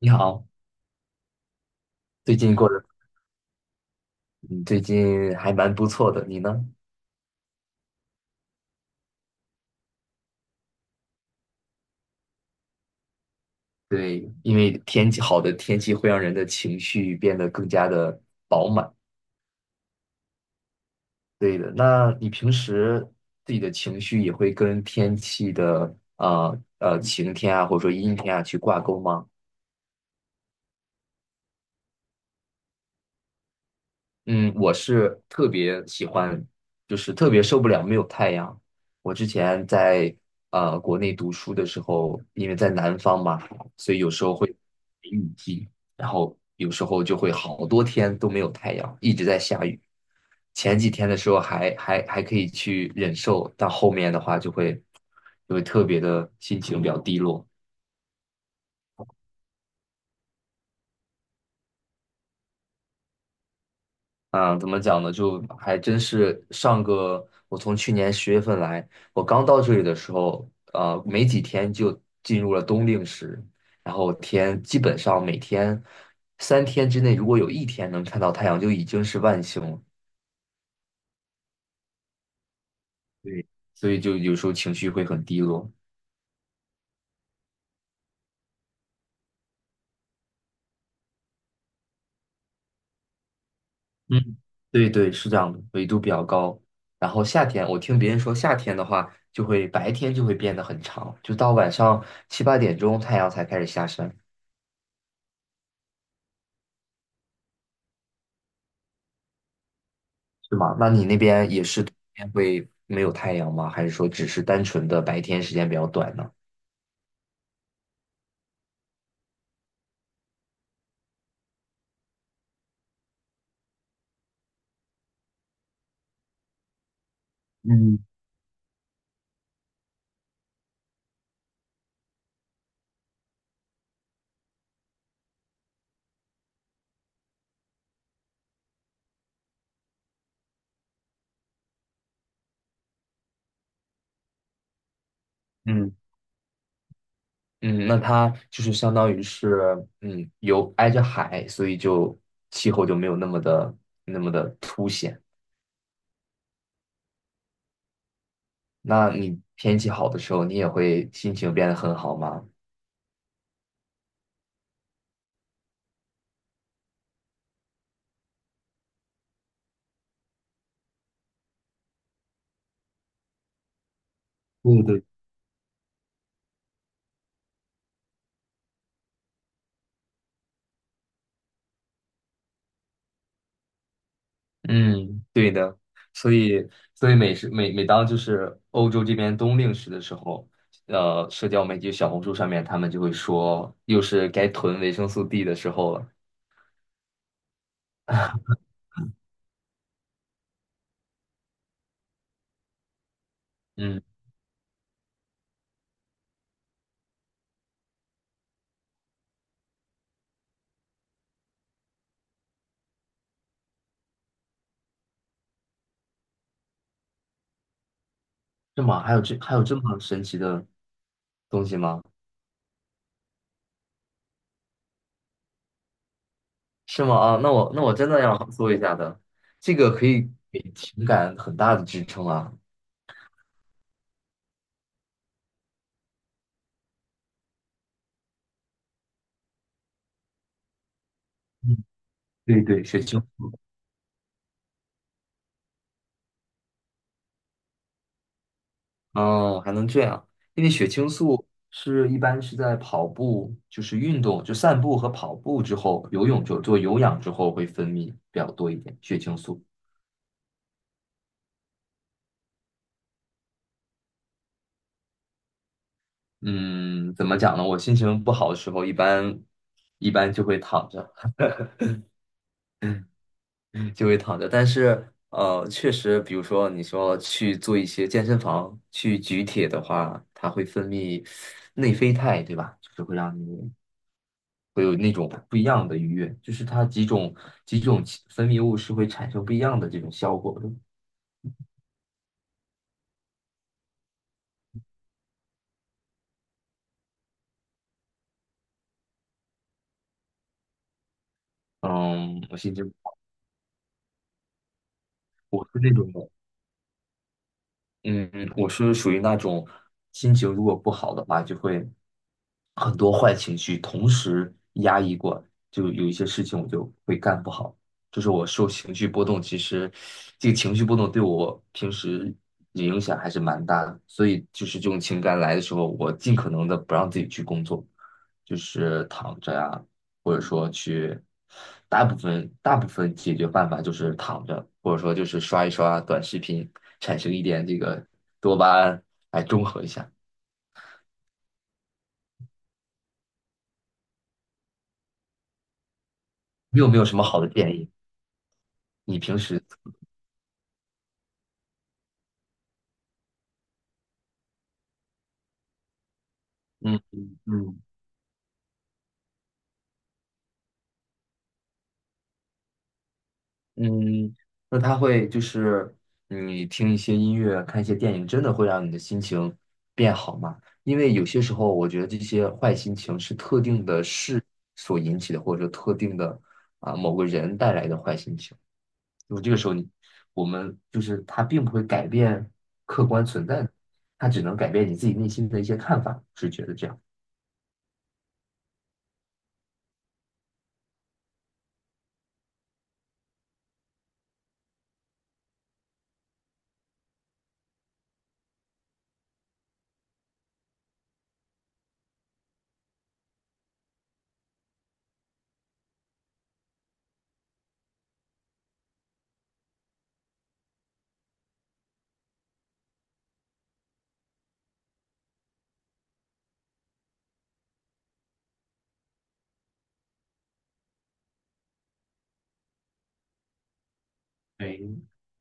你好，最近过得，嗯，最近还蛮不错的，你呢？对，因为天气好的天气会让人的情绪变得更加的饱满。对的，那你平时自己的情绪也会跟天气的晴天啊，或者说阴天啊去挂钩吗？嗯，我是特别喜欢，就是特别受不了没有太阳。我之前在国内读书的时候，因为在南方嘛，所以有时候会雨季，然后有时候就会好多天都没有太阳，一直在下雨。前几天的时候还可以去忍受，但后面的话就会特别的心情比较低落。嗯，怎么讲呢？就还真是上个，我从去年十月份来，我刚到这里的时候，没几天就进入了冬令时，然后天基本上每天三天之内，如果有一天能看到太阳，就已经是万幸了。对，所以就有时候情绪会很低落。嗯，对对，是这样的，纬度比较高。然后夏天，我听别人说夏天的话，就会白天就会变得很长，就到晚上七八点钟太阳才开始下山。是吗？那你那边也是冬天会没有太阳吗？还是说只是单纯的白天时间比较短呢？嗯嗯。嗯，那它就是相当于是，嗯，有挨着海，所以就气候就没有那么的那么的凸显。那你天气好的时候，你也会心情变得很好吗？对。嗯，对的，所以所以每时每每当就是欧洲这边冬令时的时候，社交媒体小红书上面他们就会说，又是该囤维生素 D 的时候了。嗯，是吗？还有这还有这么神奇的东西吗？是吗？啊，那我真的要搜一下的，这个可以给情感很大的支撑啊。嗯，对对，雪球。哦，还能这样，因为血清素是一般是在跑步，就是运动，就散步和跑步之后，游泳就做有氧之后会分泌比较多一点血清素。嗯，怎么讲呢？我心情不好的时候，一般就会躺着，就会躺着。但是确实，比如说你说去做一些健身房去举铁的话，它会分泌内啡肽，对吧？就是会让你会有那种不一样的愉悦，就是它几种分泌物是会产生不一样的这种效果的。嗯，我是这，我是那种嗯，我是属于那种心情如果不好的话，就会很多坏情绪同时压抑过，就有一些事情我就会干不好。就是我受情绪波动，其实这个情绪波动对我平时影响还是蛮大的。所以就是这种情感来的时候，我尽可能的不让自己去工作，就是躺着呀、大部分解决办法就是躺着，或者说就是刷一刷短视频，产生一点这个多巴胺来中和一下。你有没有什么好的建议？你平时嗯嗯嗯嗯那它会就是你听一些音乐、看一些电影，真的会让你的心情变好吗？因为有些时候，我觉得这些坏心情是特定的事所引起的，或者说特定的啊某个人带来的坏心情。就这个时候你，我们就是它并不会改变客观存在的，它只能改变你自己内心的一些看法，是觉得这样。对，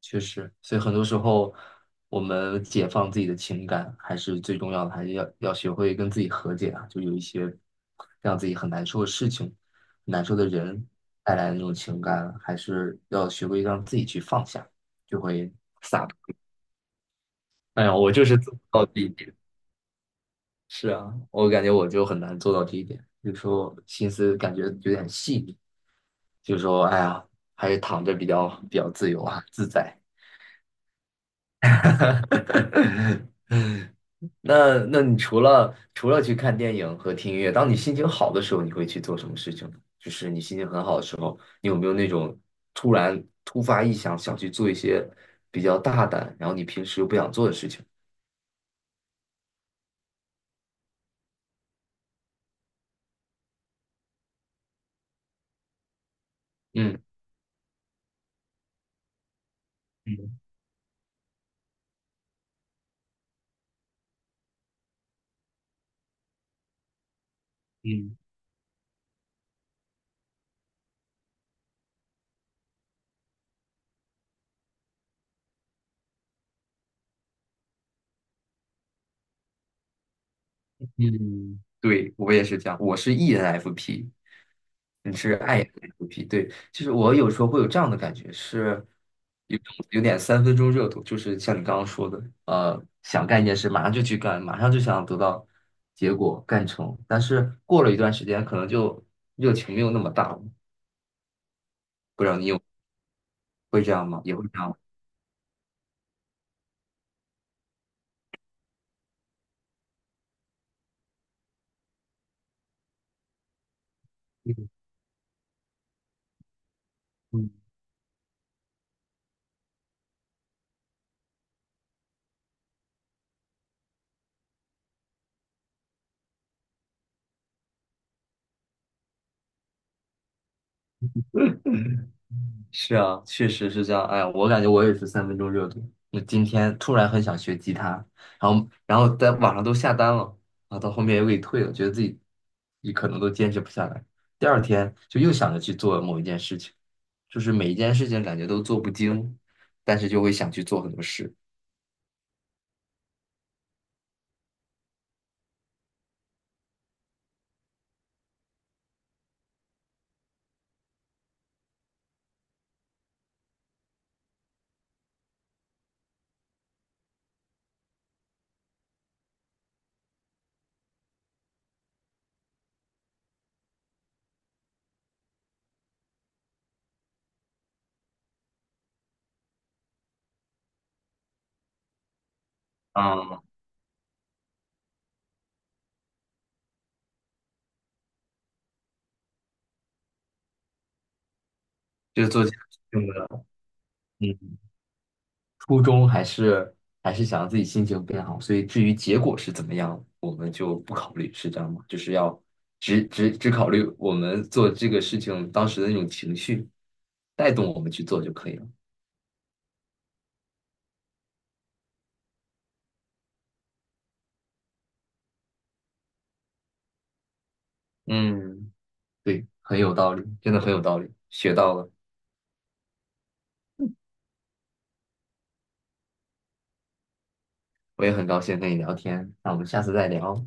确实，所以很多时候我们解放自己的情感还是最重要的，还是要学会跟自己和解啊，就有一些让自己很难受的事情、难受的人带来的那种情感，还是要学会让自己去放下，就会，哎呀，我就是做不到这一点。是啊，我感觉我就很难做到这一点，有时候心思感觉有点细腻，就说哎呀，还是躺着比较自由啊，自在。那那你除了去看电影和听音乐，当你心情好的时候，你会去做什么事情呢？就是你心情很好的时候，你有没有那种突发异想想去做一些比较大胆，然后你平时又不想做的事情？嗯嗯嗯嗯，对，我也是这样，我是 ENFP，你是 INFP，对，其实我有时候会有这样的感觉，是有有点三分钟热度，就是像你刚刚说的，想干一件事，马上就去干，马上就想得到结果干成，但是过了一段时间，可能就热情没有那么大了，会这样吗？也会这样吗。嗯是啊，确实是这样。哎呀，我感觉我也是三分钟热度。我今天突然很想学吉他，然后在网上都下单了，然后到后面又给退了，觉得自己也可能都坚持不下来。第二天就又想着去做某一件事情，就是每一件事情感觉都做不精，但是就会想去做很多事。啊，就是做这种的。嗯初衷还是还是想让自己心情变好，所以至于结果是怎么样，我们就不考虑，是这样吗？就是要只考虑我们做这个事情当时的那种情绪，带动我们去做就可以了。嗯，对，很有道理，真的很有道理，学到了，我也很高兴跟你聊天，那我们下次再聊，